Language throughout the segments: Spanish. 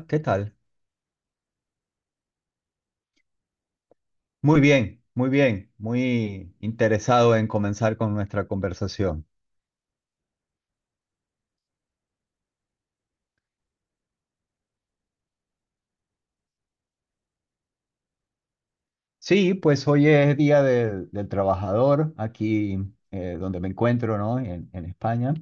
Hola, ¿qué tal? Muy bien, muy bien, muy interesado en comenzar con nuestra conversación. Sí, pues hoy es Día del Trabajador aquí donde me encuentro, ¿no? En España.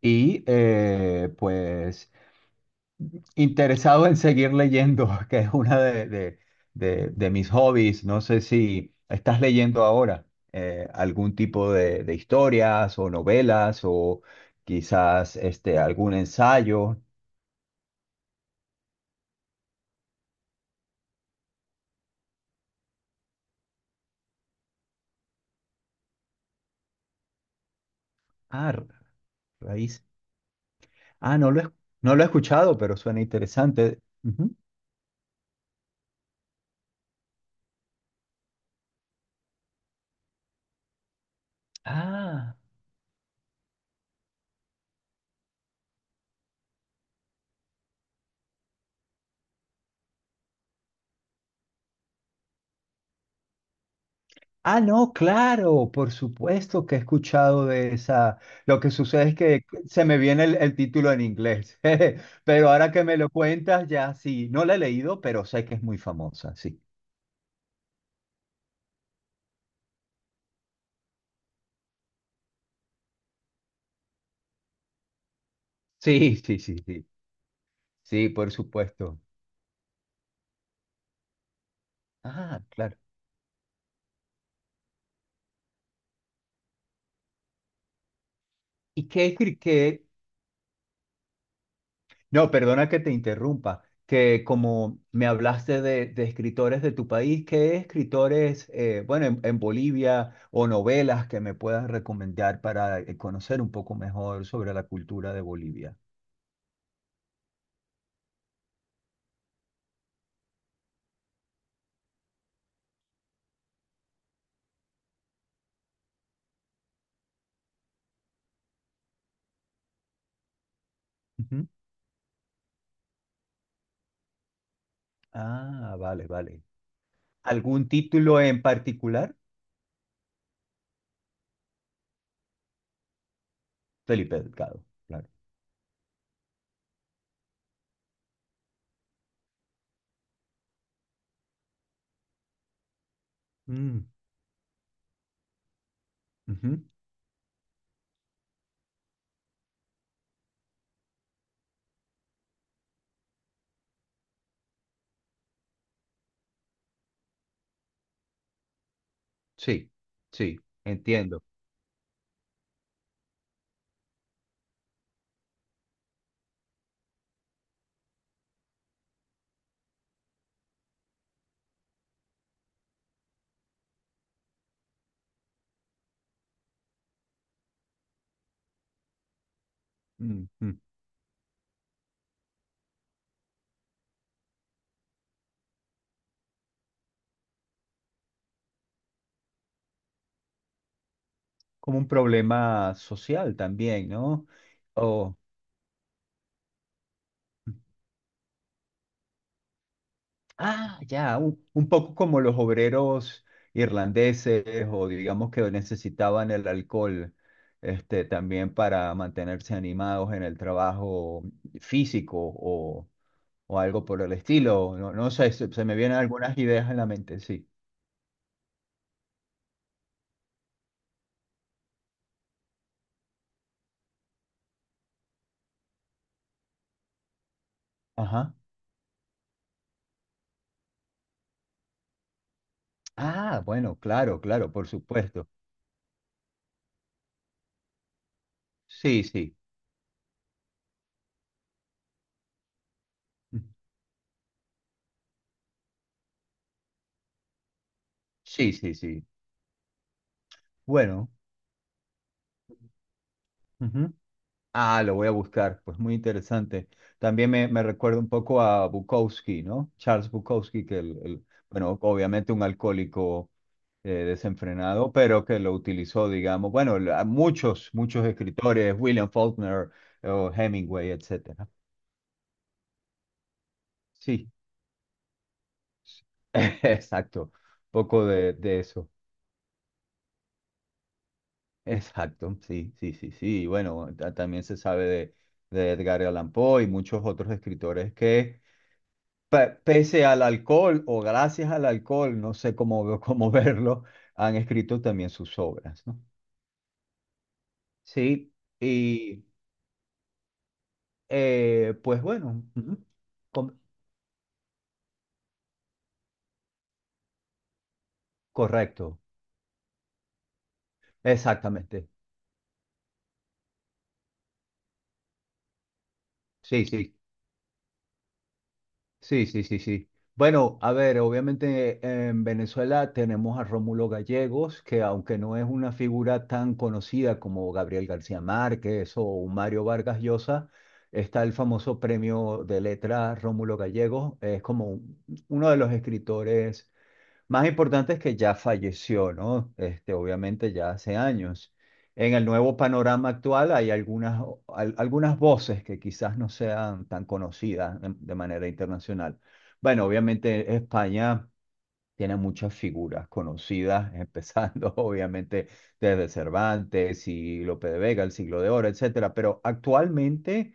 Y pues interesado en seguir leyendo, que es una de mis hobbies. No sé si estás leyendo ahora algún tipo de historias o novelas o quizás algún ensayo. Ah, Raíz. Ah, no lo he escuchado, pero suena interesante. Ujú. Ah, ah, no, claro, por supuesto que he escuchado de esa. Lo que sucede es que se me viene el título en inglés, pero ahora que me lo cuentas, ya sí, no la he leído, pero sé que es muy famosa, sí. Sí, sí, sí, sí, sí, por supuesto. Ah, claro. ¿Y qué? No, perdona que te interrumpa, que como me hablaste de escritores de tu país, ¿qué escritores, bueno, en Bolivia o novelas que me puedas recomendar para conocer un poco mejor sobre la cultura de Bolivia? Ujú. Ah, vale, vale. ¿Algún título en particular? Felipe Delgado, claro. Mm, ujú. Sí, sí, entiendo. Mm, mm. ¿Como un problema social también, ¿no? O Ah, ya, un poco como los obreros irlandeses o digamos que necesitaban el alcohol, también para mantenerse animados en el trabajo físico o algo por el estilo. No, no sé, se me vienen algunas ideas en la mente, sí. Ajá. Ah, bueno, claro, claro, por supuesto. Sí, sí. Sí, sí, sí. Bueno. Ah, lo voy a buscar, pues muy interesante. También me recuerda un poco a Bukowski, ¿no? Charles Bukowski, que bueno, obviamente un alcohólico desenfrenado, pero que lo utilizó, digamos, bueno, muchos, muchos escritores, William Faulkner, o Hemingway, etcétera. Sí, exacto, poco de eso. Exacto, sí, sí, sí, sí. Bueno, también se sabe de Edgar Allan Poe y muchos otros escritores que pese al alcohol o gracias al alcohol, no sé cómo, cómo verlo, han escrito también sus obras, ¿no? Sí, y pues bueno, ujú, co- correcto, exactamente. Sí, sí. Sí, sí, sí, sí. Bueno, a ver, obviamente en Venezuela tenemos a Rómulo Gallegos, que aunque no es una figura tan conocida como Gabriel García Márquez o un Mario Vargas Llosa, está el famoso premio de letras Rómulo Gallegos. Es como uno de los escritores más importante es que ya falleció, ¿no? Obviamente ya hace años. En el nuevo panorama actual hay algunas voces que quizás no sean tan conocidas de manera internacional. Bueno, obviamente España tiene muchas figuras conocidas, empezando obviamente desde Cervantes y Lope de Vega, el Siglo de Oro, etcétera, pero actualmente...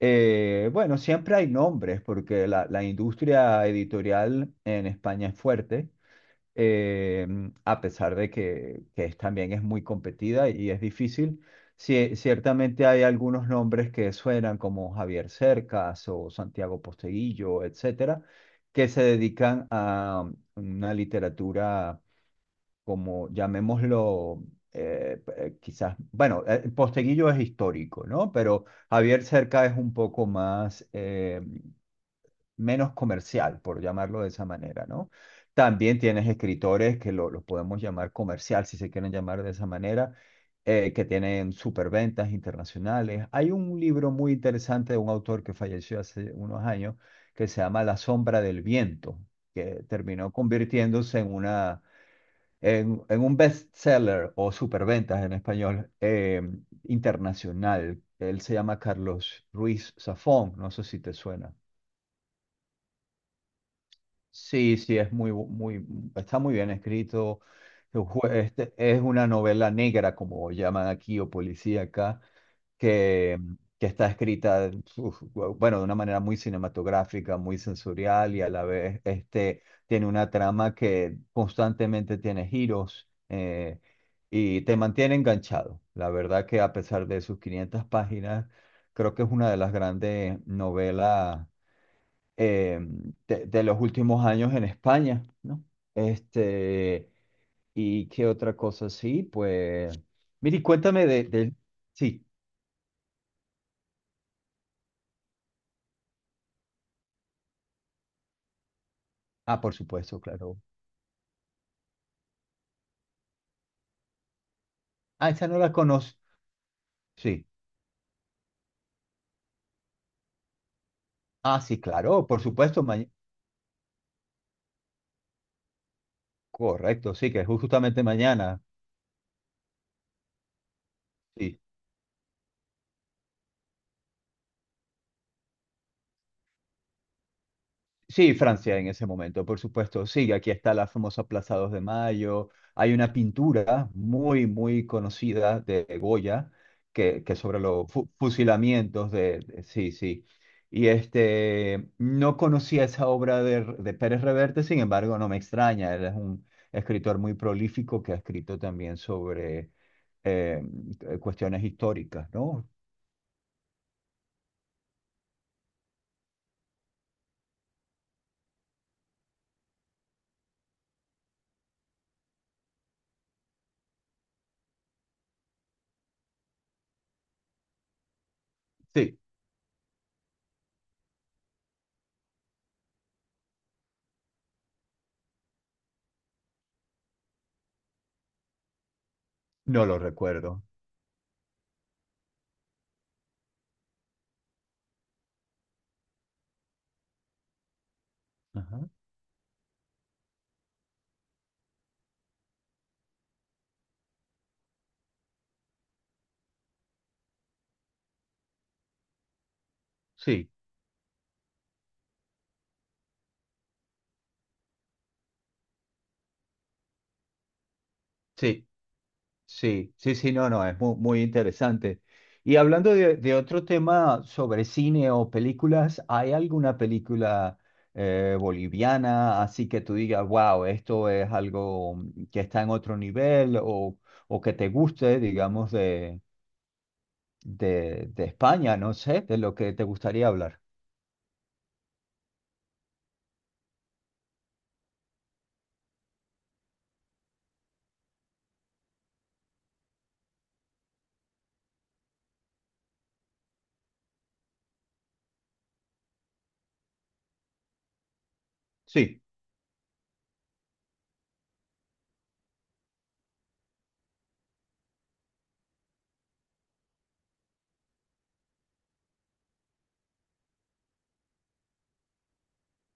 Bueno, siempre hay nombres porque la industria editorial en España es fuerte eh, a pesar de que también es muy competida y es difícil. Sí, ciertamente hay algunos nombres que suenan como Javier Cercas o Santiago Posteguillo, etcétera, que se dedican a una literatura como llamémoslo, quizás, bueno, Posteguillo es histórico, ¿no? Pero Javier Cercas es un poco más menos comercial, por llamarlo de esa manera, ¿no? También tienes escritores que lo podemos llamar comercial, si se quieren llamar de esa manera, que tienen superventas internacionales. Hay un libro muy interesante de un autor que falleció hace unos años que se llama La sombra del viento, que terminó convirtiéndose en una. En un bestseller o superventas en español internacional. Él se llama Carlos Ruiz Zafón, no sé si te suena. Sí, sí, es muy, muy, está muy bien escrito. Es una novela negra, como llaman aquí, o policíaca, que, que está escrita, uf, bueno, de una manera muy cinematográfica, muy sensorial y a la vez tiene una trama que constantemente tiene giros y te mantiene enganchado. La verdad que a pesar de sus 500 páginas, creo que es una de las grandes novelas eh, de los últimos años en España, ¿no? Este, ¿Y qué otra cosa? Sí, pues, mire, cuéntame. Sí, ah, por supuesto, claro. Ah, esa no la conozco. Sí, ah, sí, claro, por supuesto, correcto, sí, que es justamente mañana. Sí. Sí, Francia en ese momento, por supuesto. Sí, aquí está la famosa Plaza 2 de Mayo. Hay una pintura muy, muy conocida de Goya que sobre los fusilamientos. Sí, sí. Y no conocía esa obra de Pérez Reverte, sin embargo, no me extraña. Él es un escritor muy prolífico que ha escrito también sobre eh, cuestiones históricas, ¿no? Sí, no lo recuerdo. Ajá. Sí, sí. Sí, sí, sí, no, no, es muy, muy interesante. Y hablando de otro tema sobre cine o películas, ¿hay alguna película boliviana así que tú digas, wow, esto es algo que está en otro nivel o, que te guste, digamos, de España, no sé, de lo que te gustaría hablar? Sí,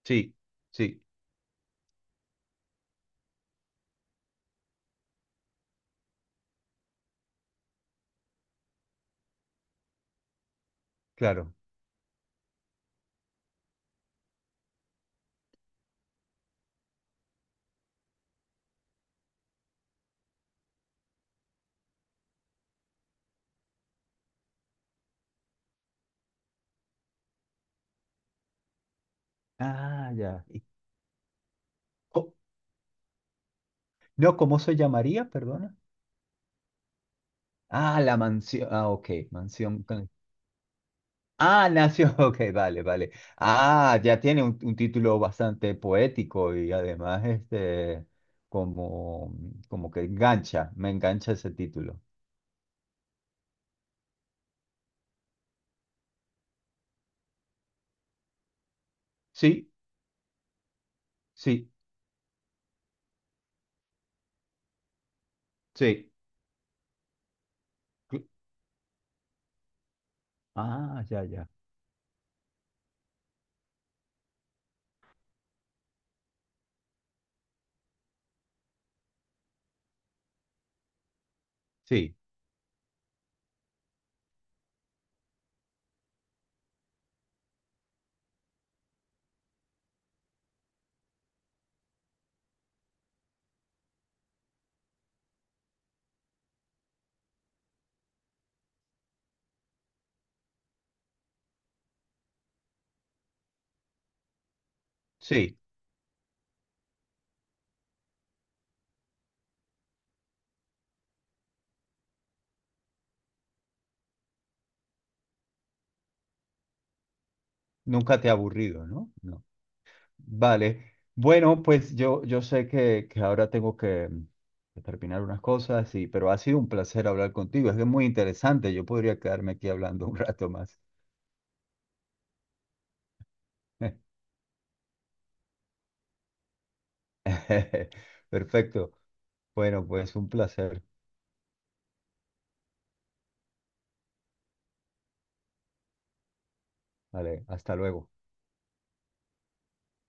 sí, sí, claro. Ah, ya. Y co- no, ¿cómo se llamaría? Perdona. Ah, la mansión. Ah, ok, mansión. Ah, nació, ok, vale, vale. Ah, ya tiene un título bastante poético y además como, como que engancha, me engancha ese título. Sí, sí, sí. cl- Ah, ya, ya. Sí, sí. Nunca te ha aburrido, ¿no? No. Vale. Bueno, pues yo sé que ahora tengo que terminar unas cosas, y, pero ha sido un placer hablar contigo. Es que es muy interesante. Yo podría quedarme aquí hablando un rato más. Perfecto. Bueno, pues un placer. Vale, hasta luego.